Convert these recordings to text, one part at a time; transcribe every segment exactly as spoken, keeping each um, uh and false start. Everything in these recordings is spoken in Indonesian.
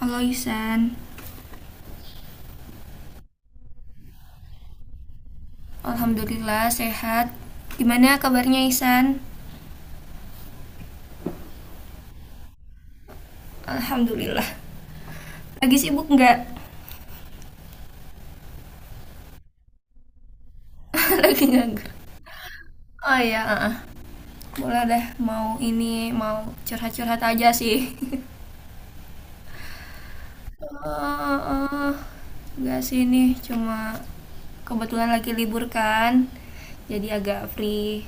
Halo Ihsan, alhamdulillah sehat. Gimana kabarnya Ihsan? Alhamdulillah. Lagi sibuk nggak? Lagi nganggur. Oh iya, ah, boleh deh. Mau ini, mau curhat-curhat aja sih. Eh, eh, Nggak sih ini, cuma kebetulan lagi libur kan, jadi agak free.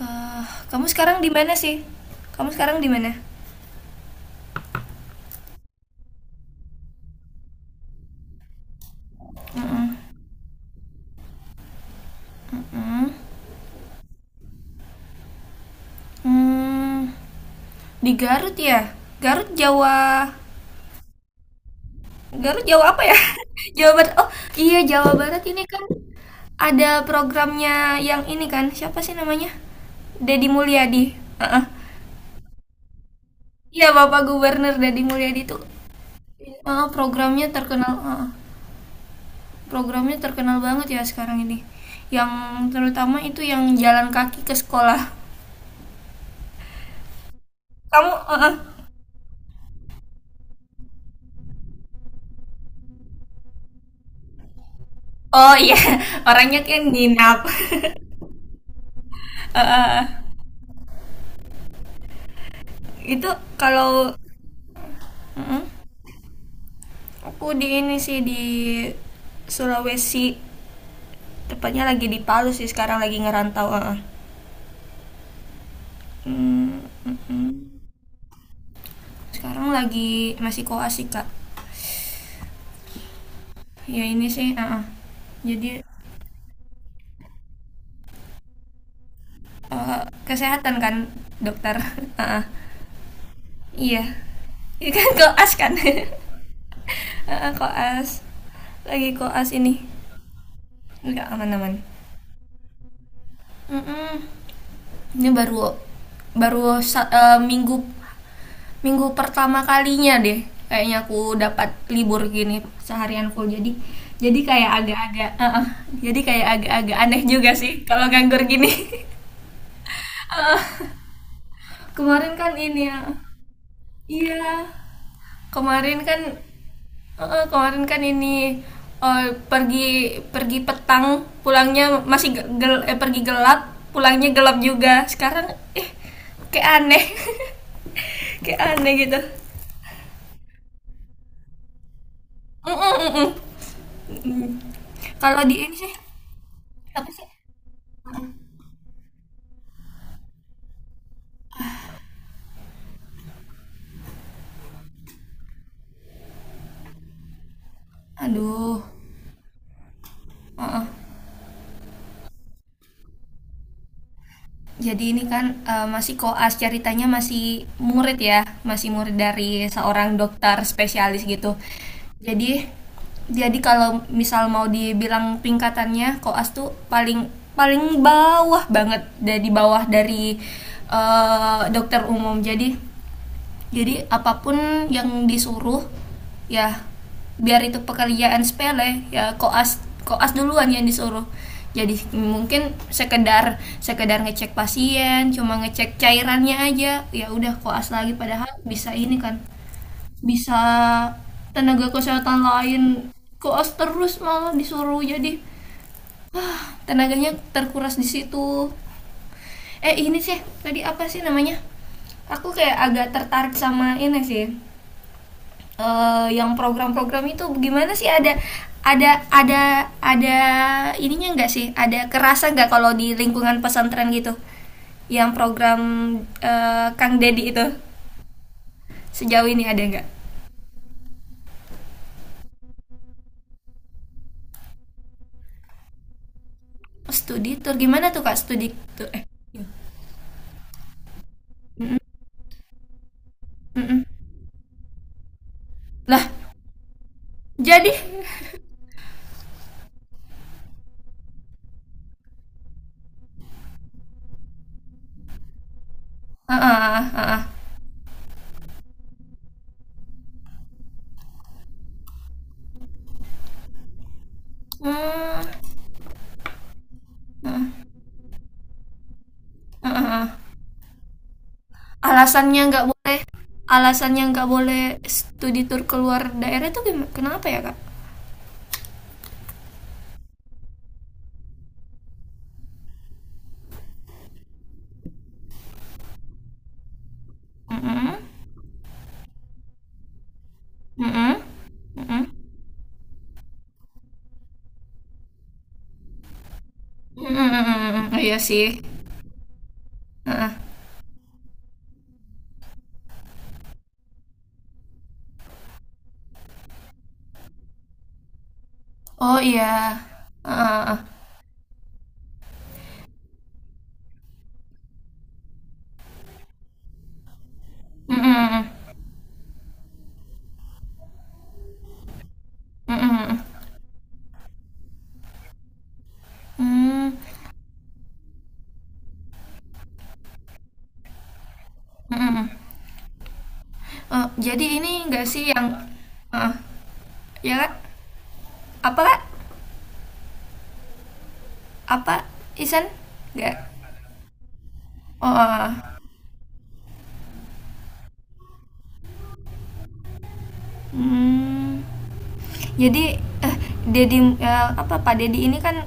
Eh, Kamu sekarang di mana sih? Kamu sekarang di mana? Mm-mm, mm-mm. Hmm, di Garut ya? Garut Jawa, Garut jauh apa ya? Jawa Barat. Oh, iya, Jawa Barat ini kan ada programnya yang ini kan. Siapa sih namanya? Deddy Mulyadi. Heeh. Iya, Bapak Gubernur Deddy Mulyadi itu. Heeh, programnya terkenal, heeh. Programnya terkenal banget ya sekarang ini. Yang terutama itu yang jalan kaki ke sekolah. Kamu heeh. Oh iya, orangnya kan nginap. Heeh. Itu kalau heeh. Aku di ini sih di Sulawesi, tepatnya lagi di Palu sih, sekarang lagi ngerantau, heeh. Hmm, mm-mm. Sekarang lagi masih koas sih, Kak. Ya ini sih, heeh. Jadi eh, kesehatan kan, dokter. Heeh. Iya. Iya kan koas kan. Heeh, koas. Lagi koas ini. Nggak aman-aman. Mm-mm. Ini baru baru sa- eh, minggu, minggu pertama kalinya deh kayaknya aku dapat libur gini seharian full, jadi jadi kayak agak-agak eh, eh, jadi kayak agak-agak aneh juga sih kalau nganggur gini. Eh, eh. Kemarin kan ini ya. Iya, kemarin kan, eh, kemarin kan ini, eh, pergi, pergi petang, pulangnya masih ge- gel, eh, pergi gelap, pulangnya gelap juga. Sekarang eh kayak aneh. Kayak aneh gitu. Mm, mm, mm, mm. Kalau di ini sih apa sih? Aduh. Heeh. Jadi ini kan eh, masih koas, ceritanya masih murid ya, masih murid dari seorang dokter spesialis gitu. Jadi jadi kalau misal mau dibilang tingkatannya koas tuh paling paling bawah banget, dari bawah dari eh, dokter umum. Jadi jadi apapun yang disuruh ya biar itu pekerjaan sepele ya koas, koas duluan yang disuruh, jadi mungkin sekedar sekedar ngecek pasien, cuma ngecek cairannya aja ya udah, koas lagi padahal bisa ini kan, bisa tenaga kesehatan lain, koas terus malah disuruh. Jadi ah, tenaganya terkuras di situ. eh ini sih tadi apa sih namanya, aku kayak agak tertarik sama ini sih, eh, yang program-program itu gimana sih, ada ada ada ada ininya nggak sih, ada kerasa nggak kalau di lingkungan pesantren gitu yang program, eh, Kang Deddy itu, sejauh ini ada nggak? Studi tour gimana tuh, Kak? Studi tour eh iya. Mm-mm, lah jadi. Ah, ah, ah, ah. Hmm, ah, ah, ah. Alasannya nggak boleh, alasannya nggak boleh studi tour keluar daerah itu gimana, kenapa ya Kak? Mm-mm, mm-mm. Mm-mm. Mm-mm. Iya sih. Mm-mm. Oh iya. Uh, mm-mm. Mm-mm. Mm. Mm-mm. Eh, jadi ini enggak sih yang, eh, ya Kak? Apa Kak? Apa Isan? Enggak. Oh. Eh. Hmm. Jadi eh Dedi eh, apa, Pak Dedi ini kan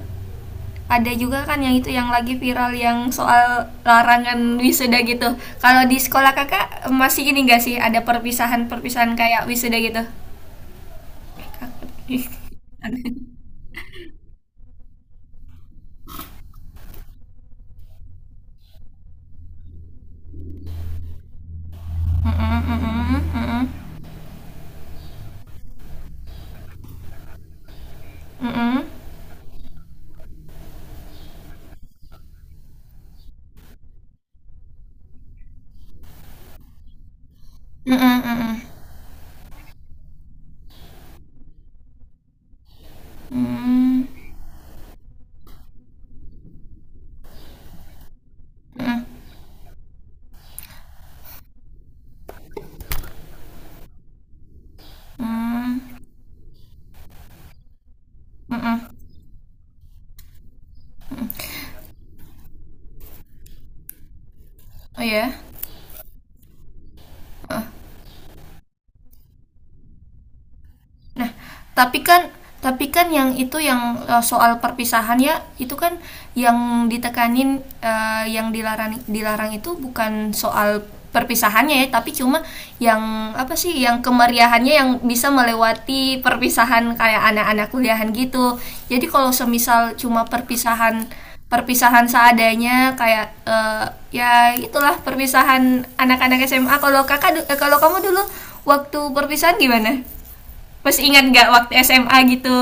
ada juga kan yang itu yang lagi viral, yang soal larangan wisuda gitu. Kalau di sekolah kakak, eh, masih ini enggak sih ada perpisahan-perpisahan kayak wisuda gitu? Oh ya. Eh, Tapi kan tapi kan yang itu, yang eh, soal perpisahan ya itu kan, yang ditekanin, eh, yang dilarang dilarang itu bukan soal perpisahannya ya, tapi cuma yang apa sih, yang kemeriahannya yang bisa melewati perpisahan kayak anak-anak kuliahan gitu. Jadi kalau semisal cuma perpisahan, perpisahan seadanya kayak, eh, ya itulah perpisahan anak-anak S M A. Kalau kakak, eh, kalau kamu dulu waktu perpisahan gimana, masih ingat nggak waktu S M A gitu?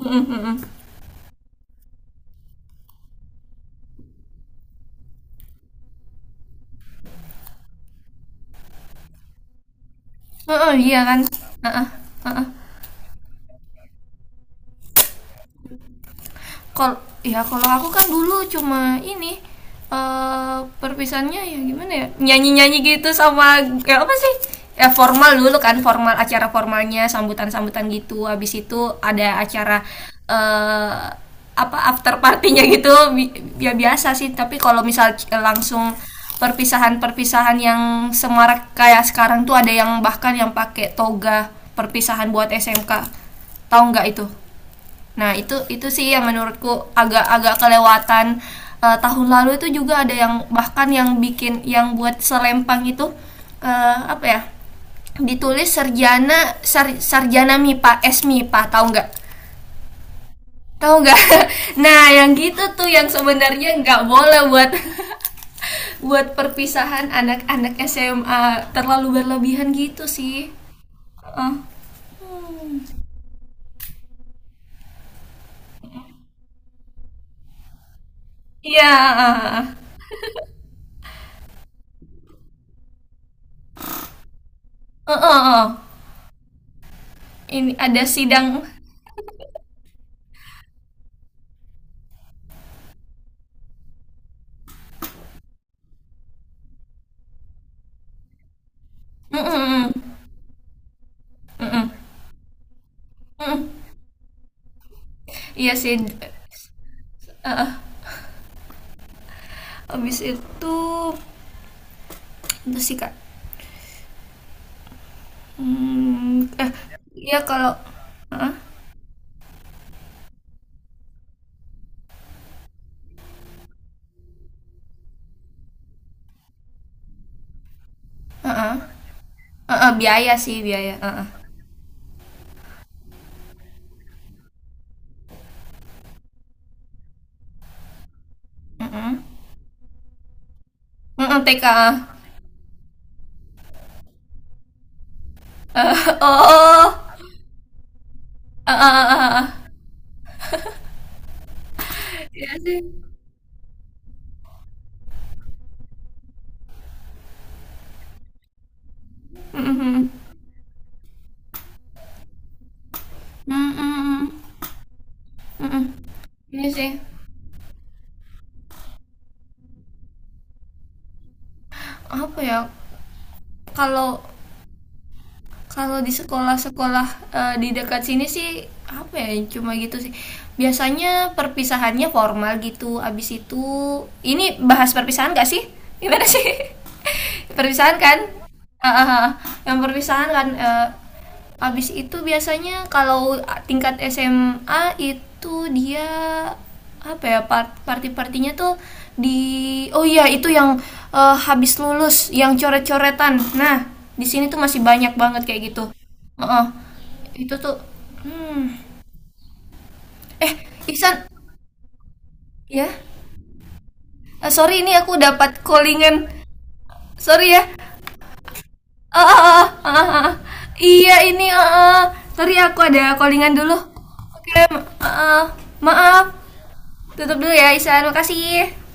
Mm-mm, mm-mm. Heeh, uh, uh, uh, uh, iya kan? Heeh, uh, heeh. Uh, uh. Kalau ya kalau aku kan dulu cuma ini, eh perpisahannya ya gimana ya, nyanyi nyanyi gitu, sama ya apa sih, ya formal dulu kan, formal acara formalnya, sambutan sambutan gitu, habis itu ada acara eh apa after partinya gitu, ya biasa sih. Tapi kalau misal langsung perpisahan-perpisahan yang semarak kayak sekarang tuh ada yang bahkan yang pakai toga, perpisahan buat S M K, tahu nggak itu? Nah, itu itu sih yang menurutku agak-agak kelewatan. Eh, tahun lalu itu juga ada yang bahkan yang bikin yang buat selempang itu, eh, apa ya? Ditulis sarjana, sar- sarjana M I P A, S M I P A, tahu nggak? Tahu nggak? Nah, yang gitu tuh yang sebenarnya nggak boleh buat, buat perpisahan anak-anak S M A, terlalu berlebihan gitu sih. Eh, iya. Eh, eh, eh. Eh, eh, eh. Ini ada sidang. Mm, mm, mm. Mm-mm. Mm-mm. Iya sih. Heeh. Habis itu itu sih Kak. Hmm, eh, iya kalau heeh, heeh. Heeh, biaya sih biaya. Heeh. Heeh. Heeh, T K. Oh. Heeh, heeh, heeh. Iya sih. Mm-mm. Mm-mm. Mm-mm. Ini sih apa ya? Kalau, kalau di sekolah-sekolah, eh, di dekat sini sih apa ya, cuma gitu sih. Biasanya perpisahannya formal gitu. Abis itu, ini bahas perpisahan gak sih? Gimana sih? Perpisahan kan? Ah, ah, ah. Yang perpisahan kan, eh, abis itu biasanya kalau tingkat S M A itu dia apa ya, part- party-partinya tuh di, oh iya itu yang, eh, habis lulus yang coret-coretan. Nah, di sini tuh masih banyak banget kayak gitu. Heeh. Itu tuh hmm. Eh, Ihsan, ya. Eh, sorry ini aku dapat callingan. Sorry ya. Eh, eh, eh, eh, eh. Eh. Iya ini eh, eh. sorry aku ada callingan dulu. Oke, eh, eh. maaf. Tutup dulu ya Isa, makasih.